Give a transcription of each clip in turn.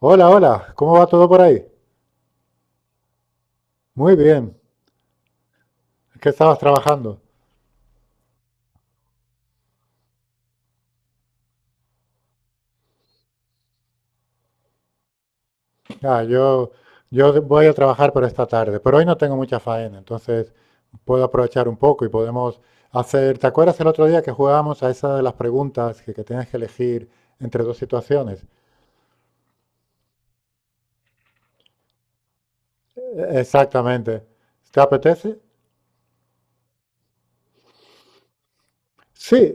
Hola, hola, ¿cómo va todo por ahí? Muy bien. ¿Qué estabas trabajando? Ah, yo, yo voy a trabajar por esta tarde, pero hoy no tengo mucha faena, entonces puedo aprovechar un poco y podemos hacer. ¿Te acuerdas el otro día que jugábamos a esa de las preguntas que tienes que elegir entre dos situaciones? Exactamente. ¿Te apetece? Sí,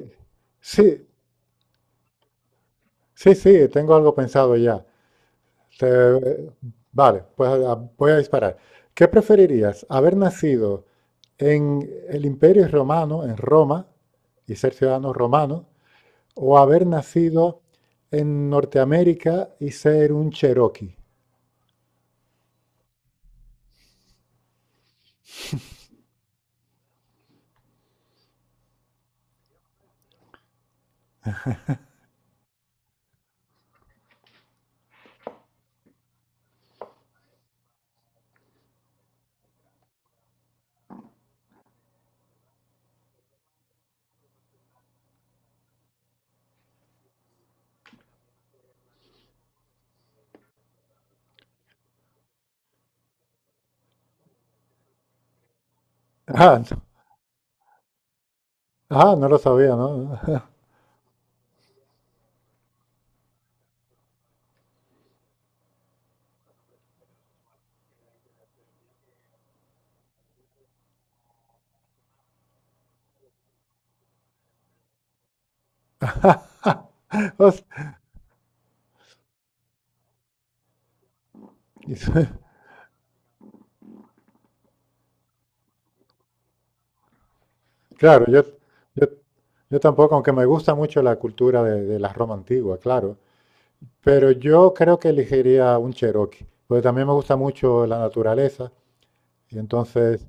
sí, sí, tengo algo pensado ya. Te- vale, pues voy a disparar. ¿Qué preferirías? ¿Haber nacido en el Imperio Romano, en Roma, y ser ciudadano romano, o haber nacido en Norteamérica y ser un Cherokee? Ah, no, ah, no lo sabía, ¿no? O sea, claro, yo, yo tampoco, aunque me gusta mucho la cultura de la Roma antigua, claro, pero yo creo que elegiría un Cherokee, porque también me gusta mucho la naturaleza. Y entonces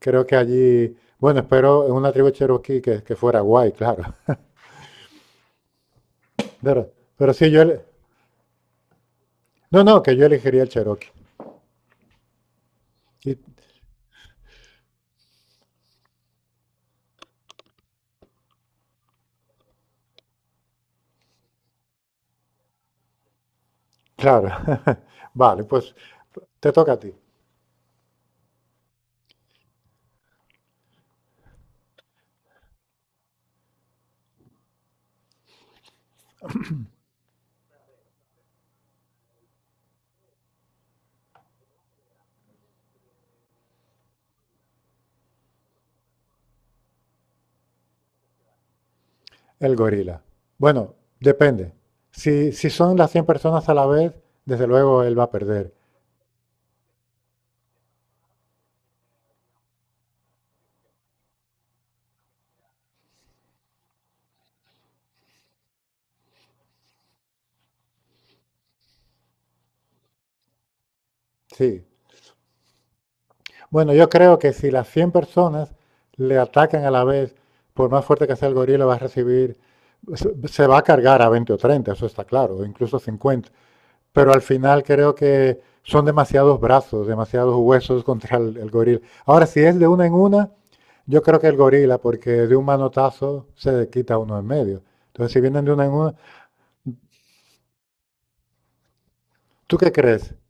creo que allí, bueno, espero en una tribu cherokee que fuera guay, claro. Pero sí, yo, ele- no, no, que yo elegiría el cherokee. Y, claro, vale, pues te toca a ti, el gorila. Bueno, depende. Si son las 100 personas a la vez, desde luego él va a perder. Sí. Bueno, yo creo que si las 100 personas le atacan a la vez, por más fuerte que sea el gorila, va a recibir, se va a cargar a 20 o 30, eso está claro, o incluso 50, pero al final creo que son demasiados brazos, demasiados huesos contra el goril. Ahora, si es de una en una, yo creo que el gorila, porque de un manotazo se quita uno en medio. Entonces, si vienen de una en una, ¿tú qué crees?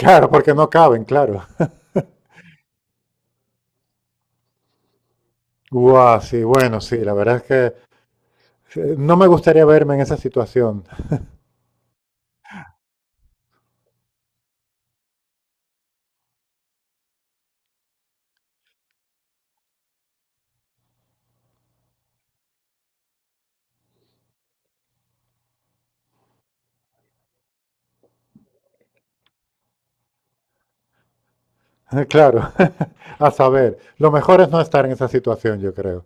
Claro, porque no caben, claro. Guau, sí, bueno, sí, la verdad es que no me gustaría verme en esa situación. Claro, a saber, lo mejor es no estar en esa situación, yo creo.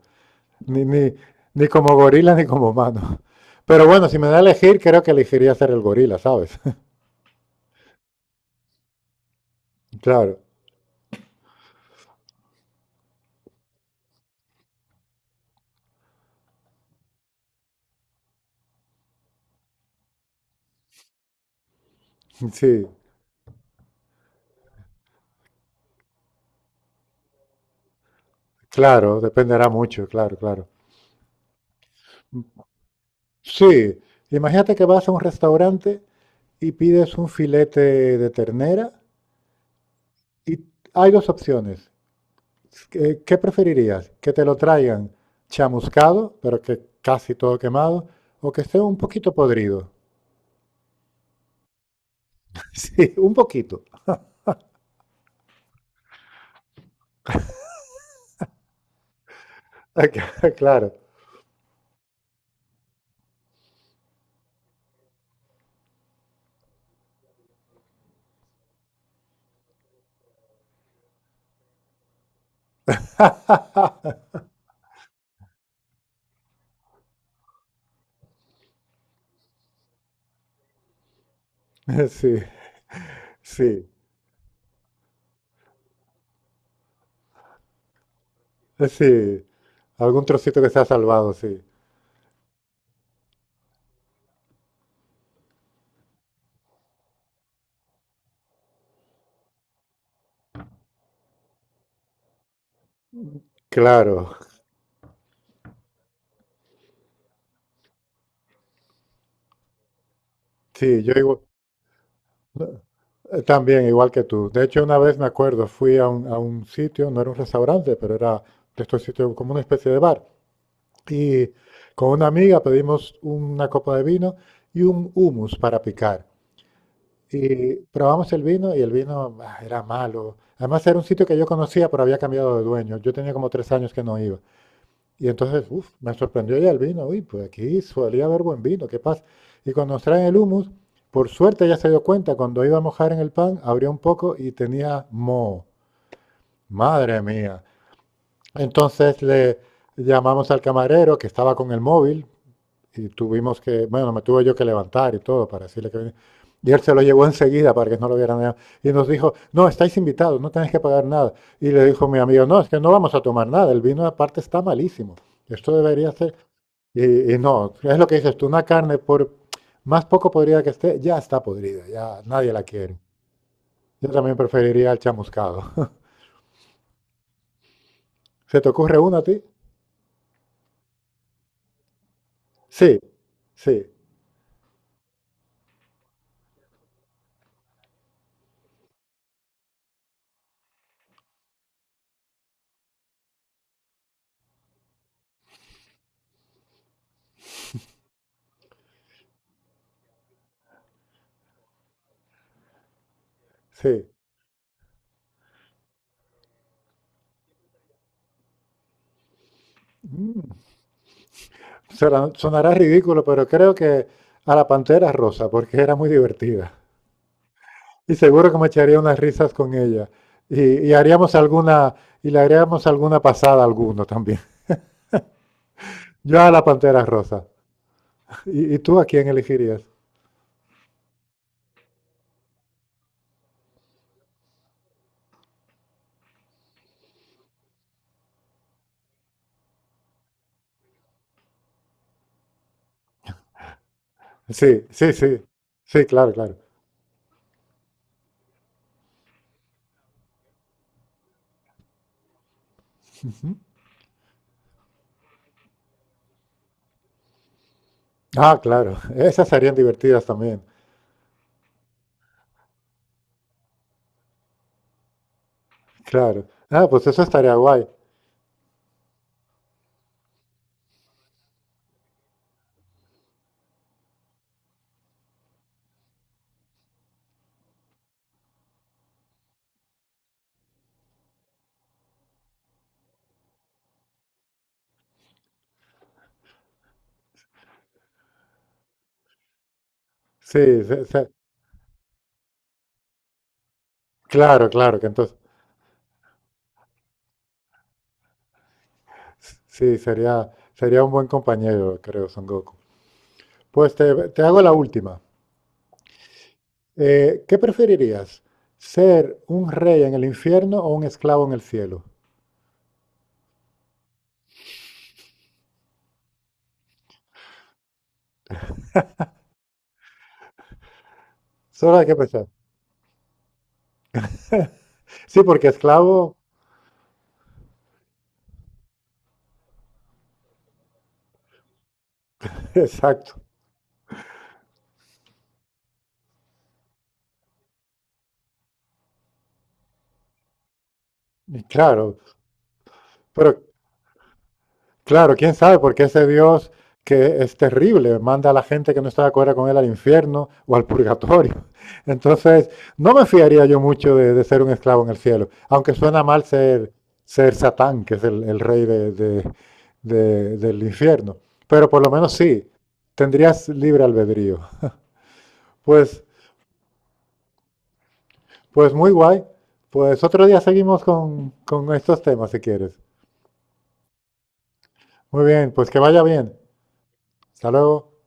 Ni, ni, ni como gorila ni como humano. Pero bueno, si me da a elegir, creo que elegiría ser el gorila, ¿sabes? Claro, sí, claro, dependerá mucho, claro, claro. Sí, imagínate que vas a un restaurante y pides un filete de ternera y hay dos opciones. ¿Qué, qué preferirías? ¿Que te lo traigan chamuscado, pero que casi todo quemado, o que esté un poquito podrido? Sí, un poquito. Claro. Sí. Sí, sí, algún trocito que se ha salvado, sí. Claro, sí, también, igual que tú. De hecho, una vez me acuerdo, fui a un sitio, no era un restaurante, pero era de estos sitios como una especie de bar. Y con una amiga pedimos una copa de vino y un hummus para picar. Y probamos el vino y el vino era malo. Además, era un sitio que yo conocía, pero había cambiado de dueño. Yo tenía como 3 años que no iba. Y entonces, uf, me sorprendió ya el vino. Uy, pues aquí solía haber buen vino, qué pasa. Y cuando nos traen el humus, por suerte ya se dio cuenta, cuando iba a mojar en el pan, abrió un poco y tenía moho. Madre mía. Entonces le llamamos al camarero que estaba con el móvil y tuvimos que, bueno, me tuve yo que levantar y todo para decirle que venía. Y él se lo llevó enseguida para que no lo vieran, nada. Y nos dijo, no, estáis invitados, no tenéis que pagar nada. Y le dijo mi amigo, no, es que no vamos a tomar nada, el vino aparte está malísimo. Esto debería ser... Y, y no, es lo que dices tú, una carne por más poco podrida que esté, ya está podrida, ya nadie la quiere. Yo también preferiría el chamuscado. ¿Se te ocurre una a ti? Sí, sí, sí. Mm, sonará ridículo, pero creo que a la pantera rosa, porque era muy divertida. Y seguro que me echaría unas risas con ella. Y, y haríamos alguna, y le haríamos alguna pasada a alguno también. Yo a la pantera rosa. Y tú a quién elegirías? Sí, sí, sí. Sí, claro, claro. Ah, claro, esas serían divertidas también, claro. Ah, pues eso estaría guay. Sí, claro, claro, que entonces, sí, sería un buen compañero, creo, Son Goku. Pues te hago la última. ¿Qué preferirías? ¿Ser un rey en el infierno o un esclavo en el cielo? Solo hay que pensar. Sí, porque esclavo, exacto, y claro, pero claro, quién sabe, porque ese Dios que es terrible, manda a la gente que no está de acuerdo con él al infierno o al purgatorio. Entonces, no me fiaría yo mucho de ser un esclavo en el cielo, aunque suena mal ser, ser Satán, que es el rey del infierno. Pero por lo menos sí, tendrías libre albedrío. Pues, pues muy guay. Pues otro día seguimos con estos temas si quieres. Muy bien, pues que vaya bien. Hasta luego.